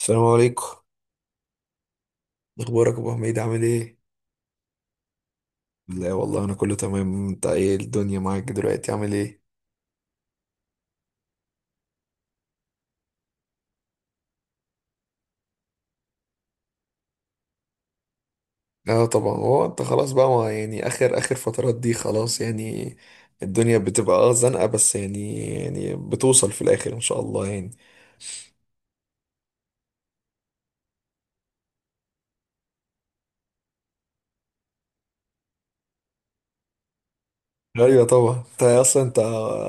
السلام عليكم. اخبارك يا ابو حميد، عامل ايه؟ لا والله انا كله تمام. انت ايه الدنيا معاك دلوقتي، عامل ايه؟ اه طبعا، هو انت خلاص بقى ما يعني اخر اخر فترات دي، خلاص يعني الدنيا بتبقى اه زنقه، بس يعني بتوصل في الاخر ان شاء الله يعني. ايوه طبعا. انت اصلا انت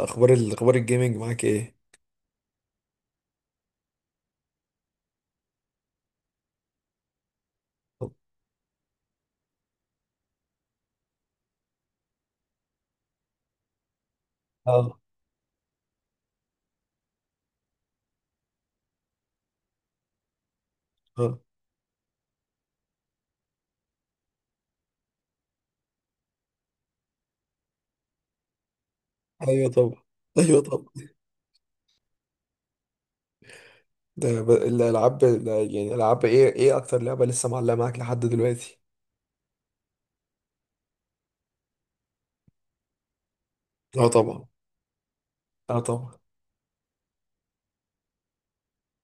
اخبار الجيمنج معاك ايه؟ اه. اه. ايوه طبعا. ايوه طبعا. الالعاب يعني، العاب ايه؟ ايه اكتر لعبه لسه معلقه معاك لحد دلوقتي؟ اه طبعا. اه طبعا.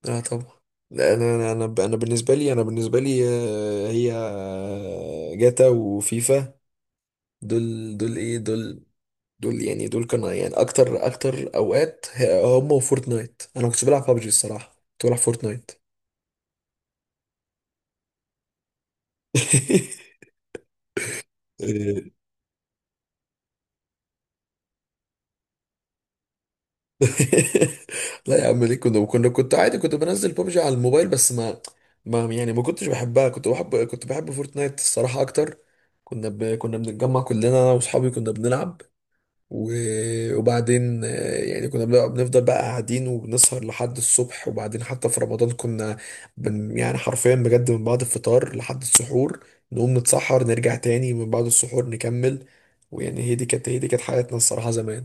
اه طبعا. لا أنا بالنسبه لي، هي جاتا وفيفا. دول دول ايه دول؟ دول يعني دول كانوا يعني اكتر اوقات هم وفورتنايت. انا ما كنتش بلعب ببجي الصراحه، كنت بلعب فورتنايت. لا يا عم ليه؟ كنا كنت عادي، كنت بنزل ببجي على الموبايل، بس ما يعني ما كنتش بحبها، كنت بحب فورتنايت الصراحه اكتر. كنا بنتجمع كلنا انا واصحابي كنا بنلعب. وبعدين آه، يعني بنفضل بقى قاعدين وبنسهر لحد الصبح. وبعدين حتى في رمضان كنا يعني حرفيا بجد من بعد الفطار لحد السحور، نقوم نتسحر نرجع تاني من بعد السحور نكمل. ويعني هي دي كانت حياتنا الصراحة زمان.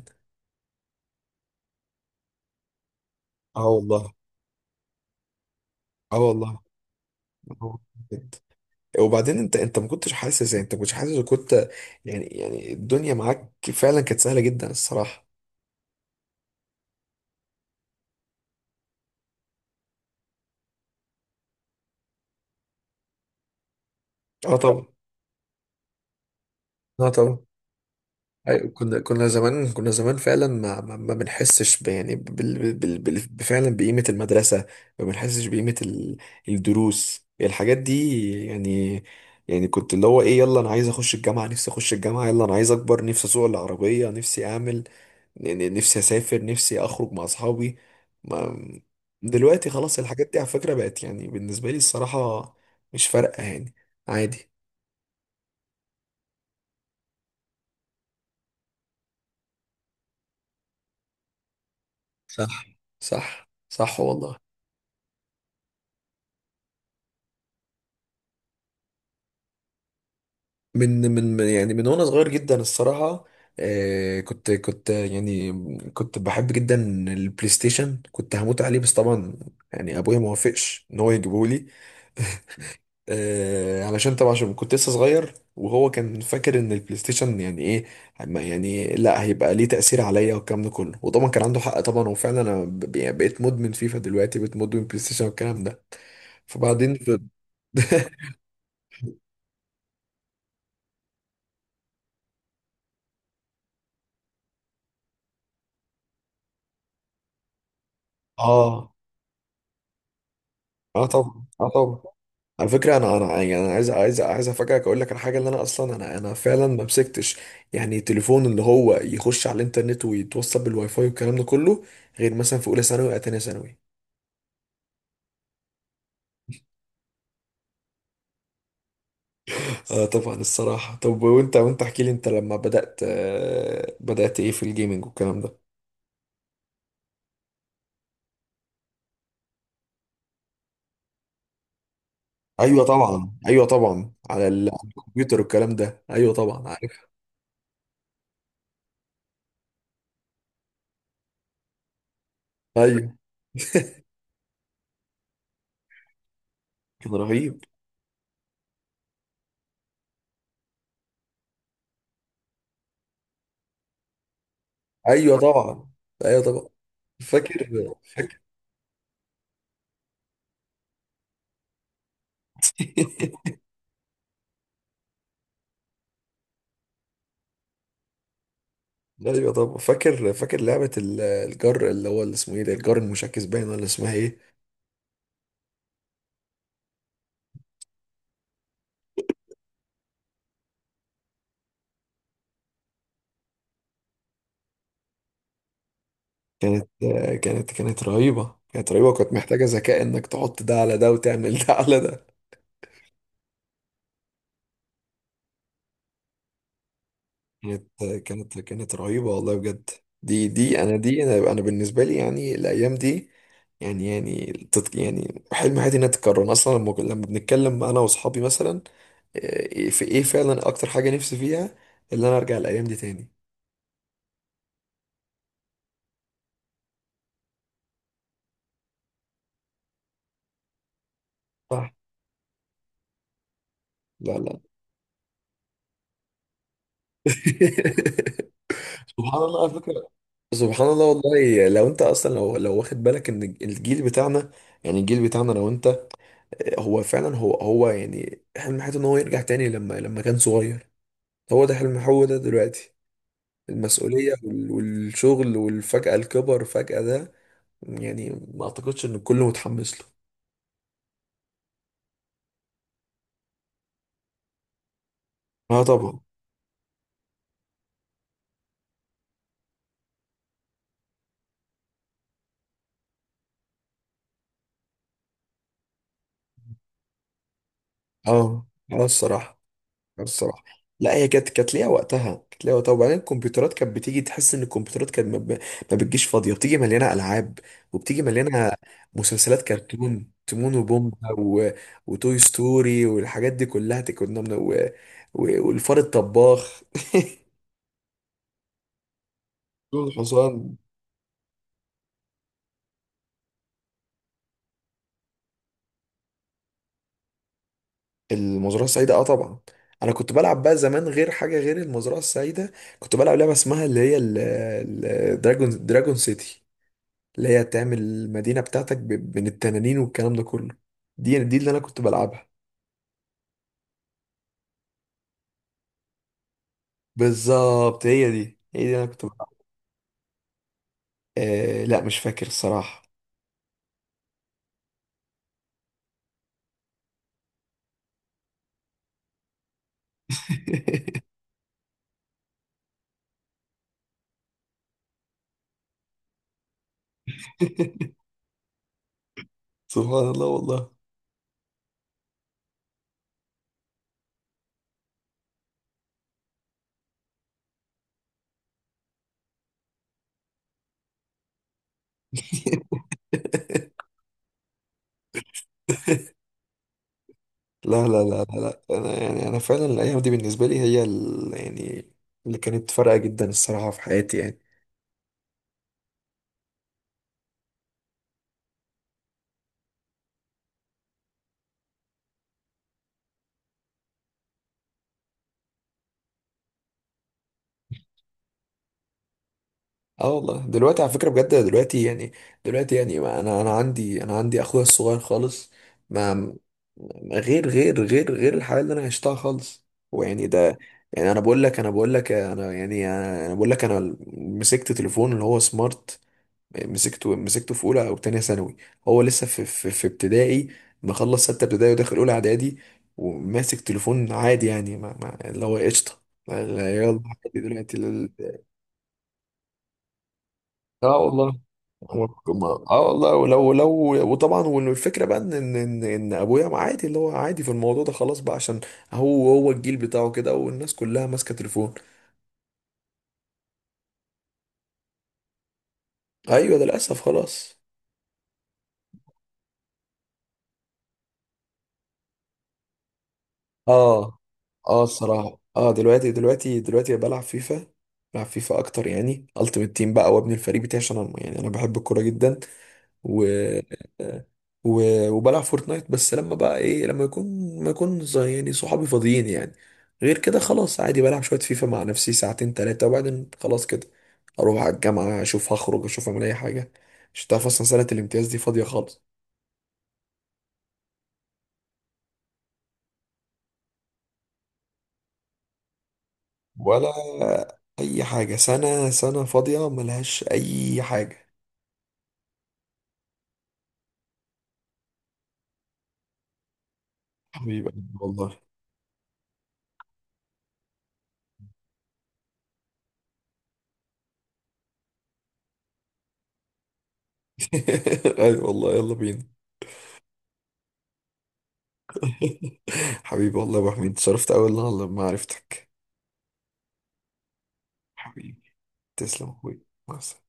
اه والله. اه والله. آه. بجد. وبعدين انت ما كنتش حاسس يعني؟ انت ما كنتش حاسس وكنت يعني الدنيا معاك فعلا كانت سهلة جدا الصراحة. اه طبعا. اه طبعا. أيوة، كنا زمان فعلا ما بنحسش يعني بال بال بال فعلا بقيمة المدرسة، ما بنحسش بقيمة الدروس، الحاجات دي يعني. يعني كنت اللي هو ايه، يلا انا عايز اخش الجامعة، نفسي اخش الجامعة، يلا انا عايز اكبر، نفسي اسوق العربية، نفسي اعمل، نفسي اسافر، نفسي اخرج مع اصحابي. ما دلوقتي خلاص الحاجات دي على فكرة بقت يعني بالنسبة لي الصراحة مش فارقة يعني، عادي. صح. صح والله. يعني من وانا صغير جدا الصراحه آه كنت كنت بحب جدا البلاي ستيشن، كنت هموت عليه. بس طبعا يعني ابويا ما وافقش ان هو يجيبه لي. آه، علشان طبعا عشان كنت لسه صغير، وهو كان فاكر ان البلاي ستيشن يعني ايه، يعني لا هيبقى ليه تاثير عليا والكلام ده كله. وطبعا كان عنده حق طبعا، وفعلا يعني بقيت مدمن فيفا، دلوقتي بقيت مدمن بلاي ستيشن والكلام ده. فبعدين في... اه. اه طبعا. اه طبعا. على فكرة أنا يعني أنا عايز أفاجئك، أقول لك على حاجة، اللي أنا أصلا أنا فعلا ما مسكتش يعني تليفون اللي هو يخش على الإنترنت ويتوصل بالواي فاي والكلام ده كله، غير مثلا في أولى ثانوي أو تانية ثانوي. آه طبعا الصراحة. طب وأنت احكي لي، أنت لما بدأت آه بدأت إيه في الجيمنج والكلام ده؟ أيوه طبعا. أيوه طبعا، على على الكمبيوتر والكلام ده، أيوه طبعا عارف. أيوه. كان رهيب. أيوه طبعا. أيوه طبعا. فاكر. ايوه. طب فاكر لعبة الجر، اللي هو اللي اسمه ايه ده، الجر المشاكس باين ولا اسمها ايه؟ كانت كانت رهيبة، كانت رهيبة، وكانت محتاجة ذكاء انك تحط ده على ده وتعمل ده على ده. كانت رهيبة والله بجد. دي انا بالنسبة لي يعني الايام دي يعني يعني حلم حياتي انها تتكرر. أنا اصلا لما بنتكلم انا واصحابي مثلا، إيه- في ايه فعلا اكتر حاجة نفسي فيها اللي انا ارجع الايام دي تاني. صح. لا لا. سبحان الله. على فكرة سبحان الله والله لو انت اصلا لو واخد بالك ان الجيل بتاعنا، يعني الجيل بتاعنا لو انت، هو فعلا هو هو يعني حلم حياته ان هو يرجع تاني لما كان صغير. هو ده حلم، هو ده دلوقتي المسؤولية والشغل والفجأة الكبر فجأة ده يعني ما اعتقدش ان الكل متحمس له. اه طبعا. اه. اه الصراحة. الصراحه لا، هي كانت كانت ليها وقتها. وبعدين الكمبيوترات كانت بتيجي، تحس ان الكمبيوترات كانت ما بتجيش فاضيه، بتيجي مليانه العاب وبتيجي مليانه مسلسلات كرتون، تيمون وبومبا و... وتوي ستوري والحاجات دي كلها، كنا من... و... و... والفار الطباخ. دول الحصان. المزرعه السعيده اه طبعا، انا كنت بلعب بقى زمان غير حاجه غير المزرعه السعيده. كنت بلعب لعبه اسمها اللي هي ال... ال... دراجون سيتي، اللي هي تعمل المدينة بتاعتك من التنانين والكلام ده كله. دي اللي أنا كنت بلعبها. بالظبط، هي دي اللي أنا كنت بلعبها. آه لا مش فاكر الصراحة. سبحان الله والله. لا أنا يعني أنا فعلا الأيام دي بالنسبة لي هي يعني اللي كانت فارقة جدا الصراحة في حياتي يعني. اه والله دلوقتي على فكرة بجد، دلوقتي يعني ما انا عندي اخويا الصغير خالص، ما ما- غير غير الحياة اللي انا عشتها خالص. ويعني ده يعني انا بقول لك انا بقول لك انا يعني انا أنا بقول لك انا مسكت تليفون اللي هو سمارت، مسكته في اولى او تانية ثانوي. هو لسه في في ابتدائي، مخلص 6 ابتدائي وداخل اولى اعدادي، وماسك تليفون عادي يعني، ما ما اللي هو قشطة، يلا عادي دلوقتي. اه والله. هو- اه والله. ولو لو وطبعا والفكره بقى ان ان ان إن ابويا عادي اللي هو عادي في الموضوع ده، خلاص بقى عشان هو الجيل بتاعه كده والناس كلها ماسكه تليفون. ايوه ده للاسف خلاص. اه. اه الصراحه. اه دلوقتي بلعب فيفا. بلعب فيفا اكتر يعني، التيمت تيم بقى وابني الفريق بتاعي عشان انا يعني انا بحب الكوره جدا. و... و... وبلعب فورتنايت بس لما بقى ايه لما يكون ما يكون ز- يعني صحابي فاضيين يعني. غير كده خلاص عادي بلعب شوية فيفا مع نفسي 2 3 ساعات وبعدين خلاص كده. اروح على الجامعة اشوف، هخرج اشوف اعمل اي حاجة، مش هتعرف اصلا. سنة الامتياز دي فاضية خالص، ولا اي حاجة. سنة فاضية ملهاش اي حاجة. حبيبي قلبي والله. ايوه والله يلا بينا. حبيبي، والله يا ابو حميد اتشرفت اوي والله لما عرفتك. حبيبي، تسلم أخوي. مع السلامة.